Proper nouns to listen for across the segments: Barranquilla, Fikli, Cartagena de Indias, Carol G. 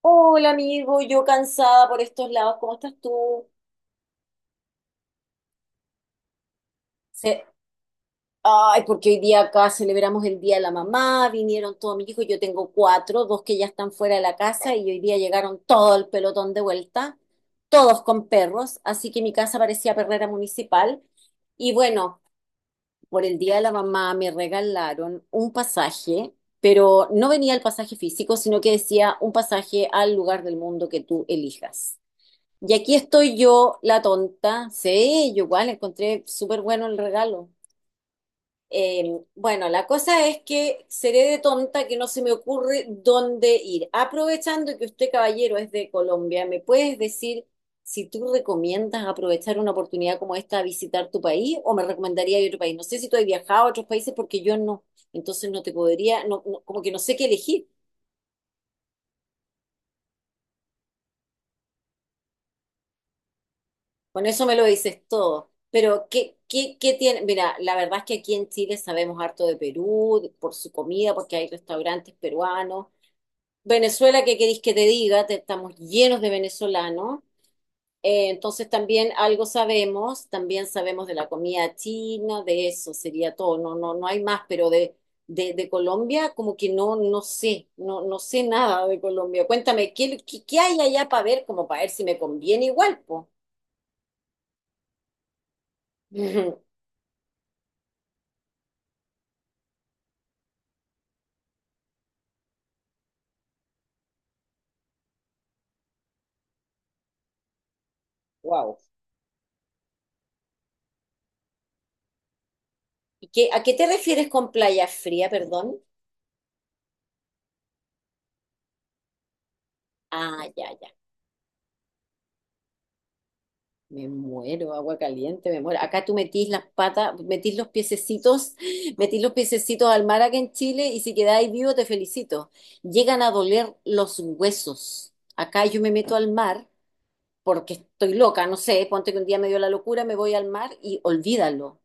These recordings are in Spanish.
Hola amigo, yo cansada por estos lados, ¿cómo estás tú? Se- Ay, porque hoy día acá celebramos el Día de la Mamá, vinieron todos mis hijos, yo tengo cuatro, dos que ya están fuera de la casa y hoy día llegaron todo el pelotón de vuelta, todos con perros, así que mi casa parecía perrera municipal. Y bueno, por el Día de la Mamá me regalaron un pasaje, pero no venía el pasaje físico, sino que decía un pasaje al lugar del mundo que tú elijas. Y aquí estoy yo, la tonta. Sí, yo igual encontré súper bueno el regalo. Bueno, la cosa es que seré de tonta que no se me ocurre dónde ir. Aprovechando que usted, caballero, es de Colombia, ¿me puedes decir si tú recomiendas aprovechar una oportunidad como esta a visitar tu país o me recomendaría ir a otro país? No sé si tú has viajado a otros países porque yo no. Entonces no te podría, no, como que no sé qué elegir. Con eso me lo dices todo. Pero, ¿qué tiene? Mira, la verdad es que aquí en Chile sabemos harto de Perú, por su comida, porque hay restaurantes peruanos. Venezuela, ¿qué queréis que te diga? Estamos llenos de venezolanos. Entonces también algo sabemos, también sabemos de la comida china, de eso sería todo. No, no, no hay más, pero de Colombia, como que no, no sé, no, no sé nada de Colombia. Cuéntame, ¿qué hay allá para ver? Como para ver si me conviene igual, pues. Wow. ¿Y qué, a qué te refieres con playa fría, perdón? Ah, ya, ya. Me muero, agua caliente, me muero. Acá tú metís las patas, metís los piececitos, metís los piececitos al mar acá en Chile y si quedáis vivo te felicito. Llegan a doler los huesos. Acá yo me meto al mar porque estoy loca, no sé, ponte que un día me dio la locura, me voy al mar y olvídalo.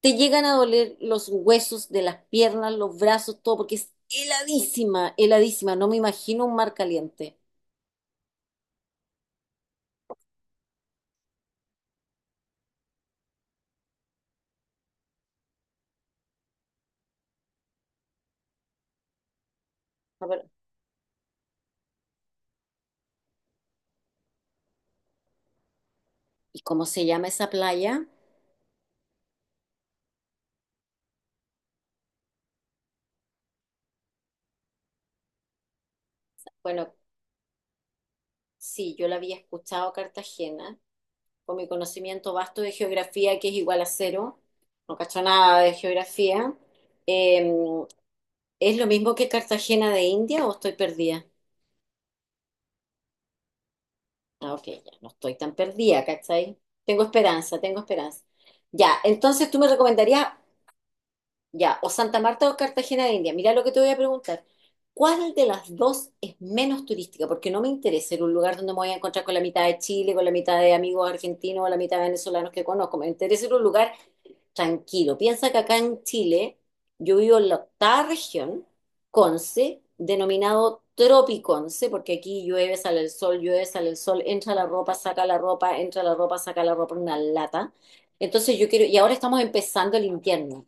Te llegan a doler los huesos de las piernas, los brazos, todo, porque es heladísima, heladísima. No me imagino un mar caliente. ¿Y cómo se llama esa playa? Bueno, sí, yo la había escuchado Cartagena, con mi conocimiento vasto de geografía, que es igual a cero, no cacho nada de geografía. Eh, ¿Es lo mismo que Cartagena de India o estoy perdida? Ah, ok, ya, no estoy tan perdida, ¿cachai? Tengo esperanza, tengo esperanza. Ya, entonces tú me recomendarías. Ya, o Santa Marta o Cartagena de India. Mira lo que te voy a preguntar. ¿Cuál de las dos es menos turística? Porque no me interesa ir a un lugar donde me voy a encontrar con la mitad de Chile, con la mitad de amigos argentinos o la mitad de venezolanos que conozco. Me interesa ir a un lugar tranquilo. Piensa que acá en Chile yo vivo en la octava región, Conce, denominado Tropiconce, porque aquí llueve, sale el sol, llueve, sale el sol, entra la ropa, saca la ropa, entra la ropa, saca la ropa, una lata. Entonces yo quiero, y ahora estamos empezando el invierno,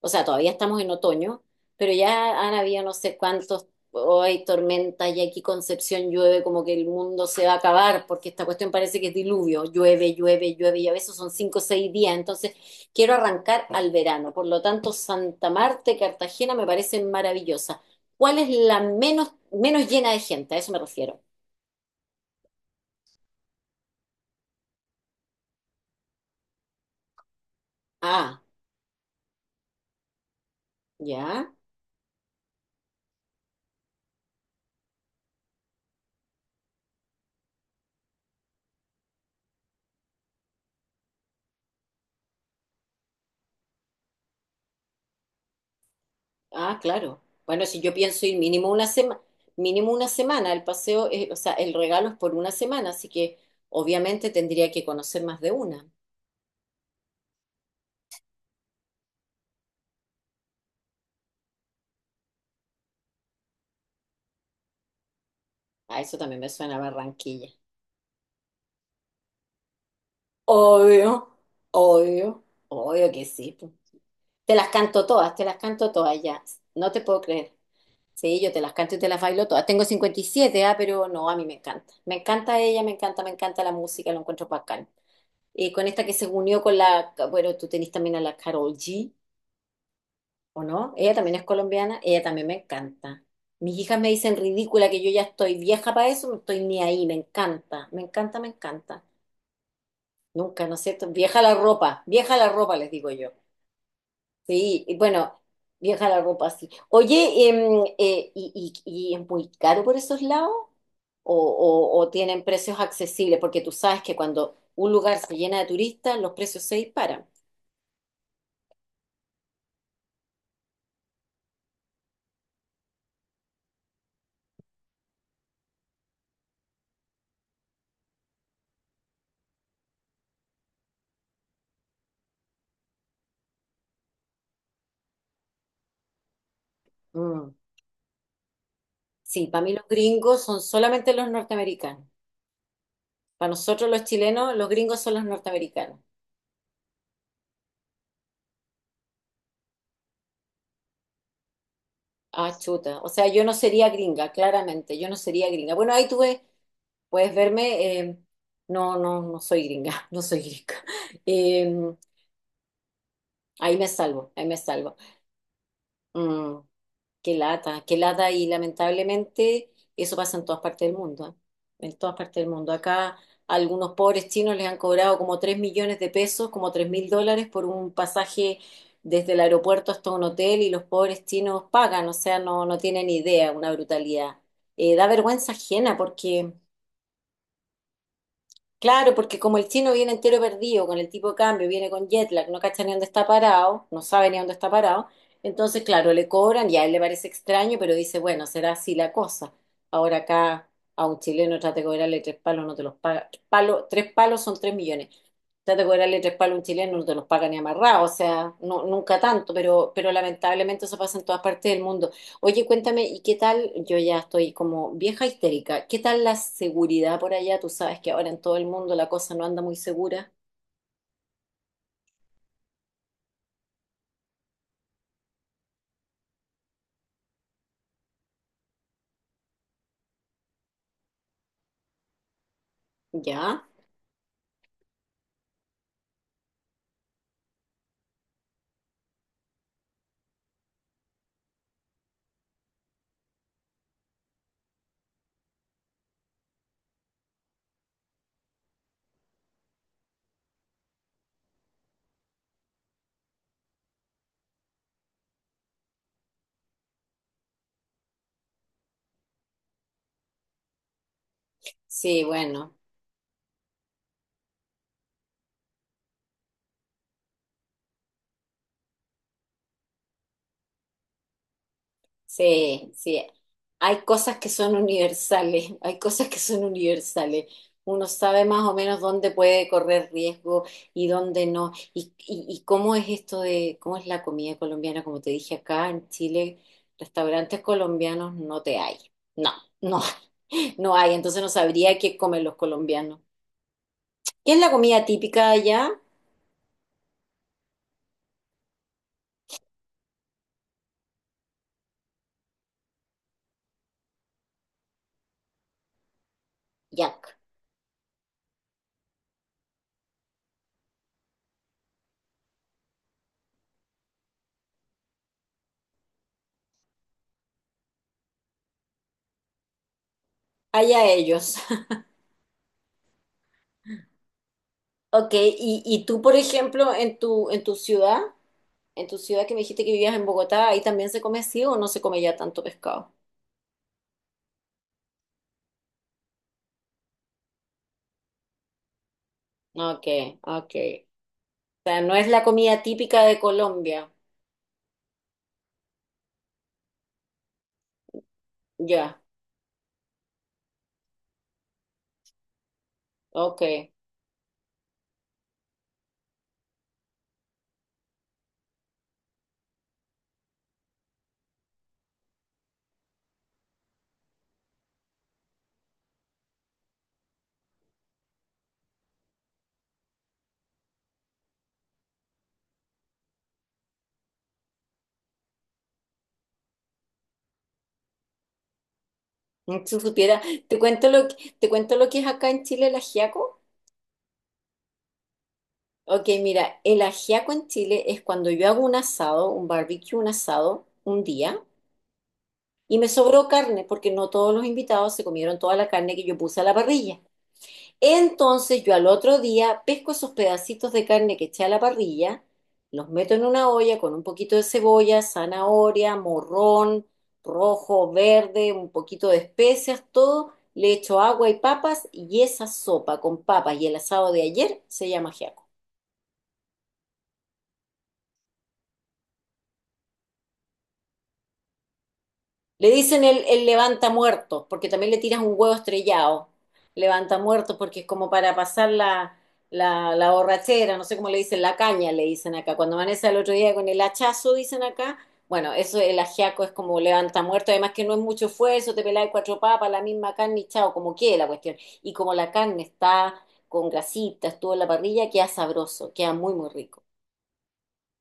o sea, todavía estamos en otoño, pero ya han habido no sé cuántos, hoy tormentas y aquí Concepción llueve como que el mundo se va a acabar, porque esta cuestión parece que es diluvio, llueve, llueve, llueve, y a veces son 5 o 6 días, entonces quiero arrancar al verano, por lo tanto, Santa Marta y Cartagena me parecen maravillosas. ¿Cuál es la menos, menos llena de gente? A eso me refiero. Ah, ya. Ah, claro. Bueno, si yo pienso ir mínimo una semana, el paseo, o sea, el regalo es por una semana, así que obviamente tendría que conocer más de una. A eso también me suena Barranquilla. Obvio, obvio, obvio que sí, po. Te las canto todas, te las canto todas ya. No te puedo creer. Sí, yo te las canto y te las bailo todas. Tengo 57, ah, pero no, a mí me encanta. Me encanta ella, me encanta la música, lo encuentro bacán. Y con esta que se unió con la, bueno, tú tenés también a la Carol G, ¿o no? Ella también es colombiana, ella también me encanta. Mis hijas me dicen ridícula que yo ya estoy vieja para eso, no estoy ni ahí, me encanta, me encanta, me encanta. Nunca, ¿no es cierto? Vieja la ropa, les digo yo. Sí, y bueno, vieja la ropa así. Oye, y es muy caro por esos lados? ¿O tienen precios accesibles? Porque tú sabes que cuando un lugar se llena de turistas, los precios se disparan. Mm. Sí, para mí los gringos son solamente los norteamericanos. Para nosotros los chilenos, los gringos son los norteamericanos. Ah, chuta. O sea, yo no sería gringa, claramente. Yo no sería gringa. Bueno, ahí tú ves, puedes verme. No, no, no soy gringa, no soy gringa. Em, Ahí me salvo, ahí me salvo. Mm, qué lata y lamentablemente eso pasa en todas partes del mundo, ¿eh? En todas partes del mundo. Acá a algunos pobres chinos les han cobrado como 3 millones de pesos, como 3 mil dólares por un pasaje desde el aeropuerto hasta un hotel y los pobres chinos pagan, o sea, no, no tienen idea, una brutalidad. Da vergüenza ajena porque claro, porque como el chino viene entero perdido con el tipo de cambio, viene con jet lag, no cacha ni dónde está parado, no sabe ni dónde está parado, entonces, claro, le cobran y a él le parece extraño, pero dice, bueno, será así la cosa. Ahora acá a un chileno trate de cobrarle tres palos, no te los paga. Palo, tres palos son 3 millones. Trate de cobrarle tres palos a un chileno, no te los paga ni amarrado, o sea, no, nunca tanto, pero lamentablemente eso pasa en todas partes del mundo. Oye, cuéntame, ¿y qué tal? Yo ya estoy como vieja histérica. ¿Qué tal la seguridad por allá? Tú sabes que ahora en todo el mundo la cosa no anda muy segura. ¿Ya? Sí, bueno. Sí, sí. Hay cosas que son universales, hay cosas que son universales. Uno sabe más o menos dónde puede correr riesgo y dónde no. Y cómo es esto de, cómo es la comida colombiana, como te dije acá en Chile, restaurantes colombianos no te hay. No, no, hay, no hay. Entonces no sabría qué comen los colombianos. ¿Qué es la comida típica allá? Yak. Allá ellos. Ok, y tú, por ejemplo, en tu ciudad. En tu ciudad que me dijiste que vivías en Bogotá, ¿ahí también se come así o no se come ya tanto pescado? Ok, ok. O sea, no es la comida típica de Colombia. Ya, ok. Si supiera, te cuento lo que, te cuento lo que es acá en Chile el ajiaco. Ok, mira, el ajiaco en Chile es cuando yo hago un asado, un barbecue, un asado, un día, y me sobró carne, porque no todos los invitados se comieron toda la carne que yo puse a la parrilla. Entonces yo al otro día pesco esos pedacitos de carne que eché a la parrilla, los meto en una olla con un poquito de cebolla, zanahoria, morrón, rojo, verde, un poquito de especias, todo. Le echo agua y papas y esa sopa con papas y el asado de ayer se llama ajiaco. Le dicen el levanta muertos, porque también le tiras un huevo estrellado. Levanta muertos porque es como para pasar la borrachera, no sé cómo le dicen, la caña le dicen acá. Cuando amanece el otro día con el hachazo, dicen acá. Bueno, eso el ajiaco es como levanta muertos, además que no es mucho esfuerzo, te pelas de cuatro papas, la misma carne y chao, como quede la cuestión. Y como la carne está con grasita, estuvo en la parrilla, queda sabroso, queda muy, muy rico.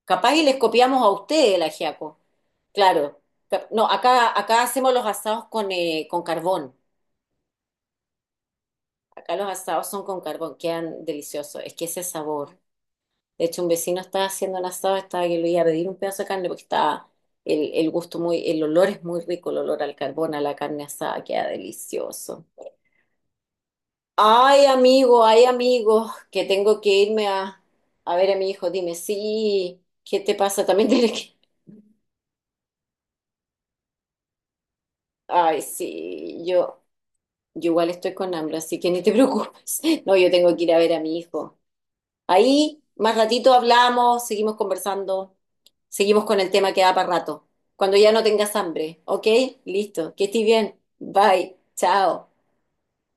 Capaz y les copiamos a ustedes el ajiaco. Claro. No, acá, acá hacemos los asados con carbón. Acá los asados son con carbón, quedan deliciosos. Es que ese sabor. De hecho, un vecino estaba haciendo un asado, estaba que le iba a pedir un pedazo de carne porque estaba el gusto muy, el olor es muy rico, el olor al carbón, a la carne asada, queda delicioso. Ay, amigo, que tengo que irme a ver a mi hijo. Dime, sí, ¿qué te pasa? También tienes que... Ay, sí, yo... Yo igual estoy con hambre, así que ni te preocupes. No, yo tengo que ir a ver a mi hijo. Ahí, más ratito hablamos, seguimos conversando, seguimos con el tema que da para rato. Cuando ya no tengas hambre, ¿ok? Listo, que estés bien. Bye, chao.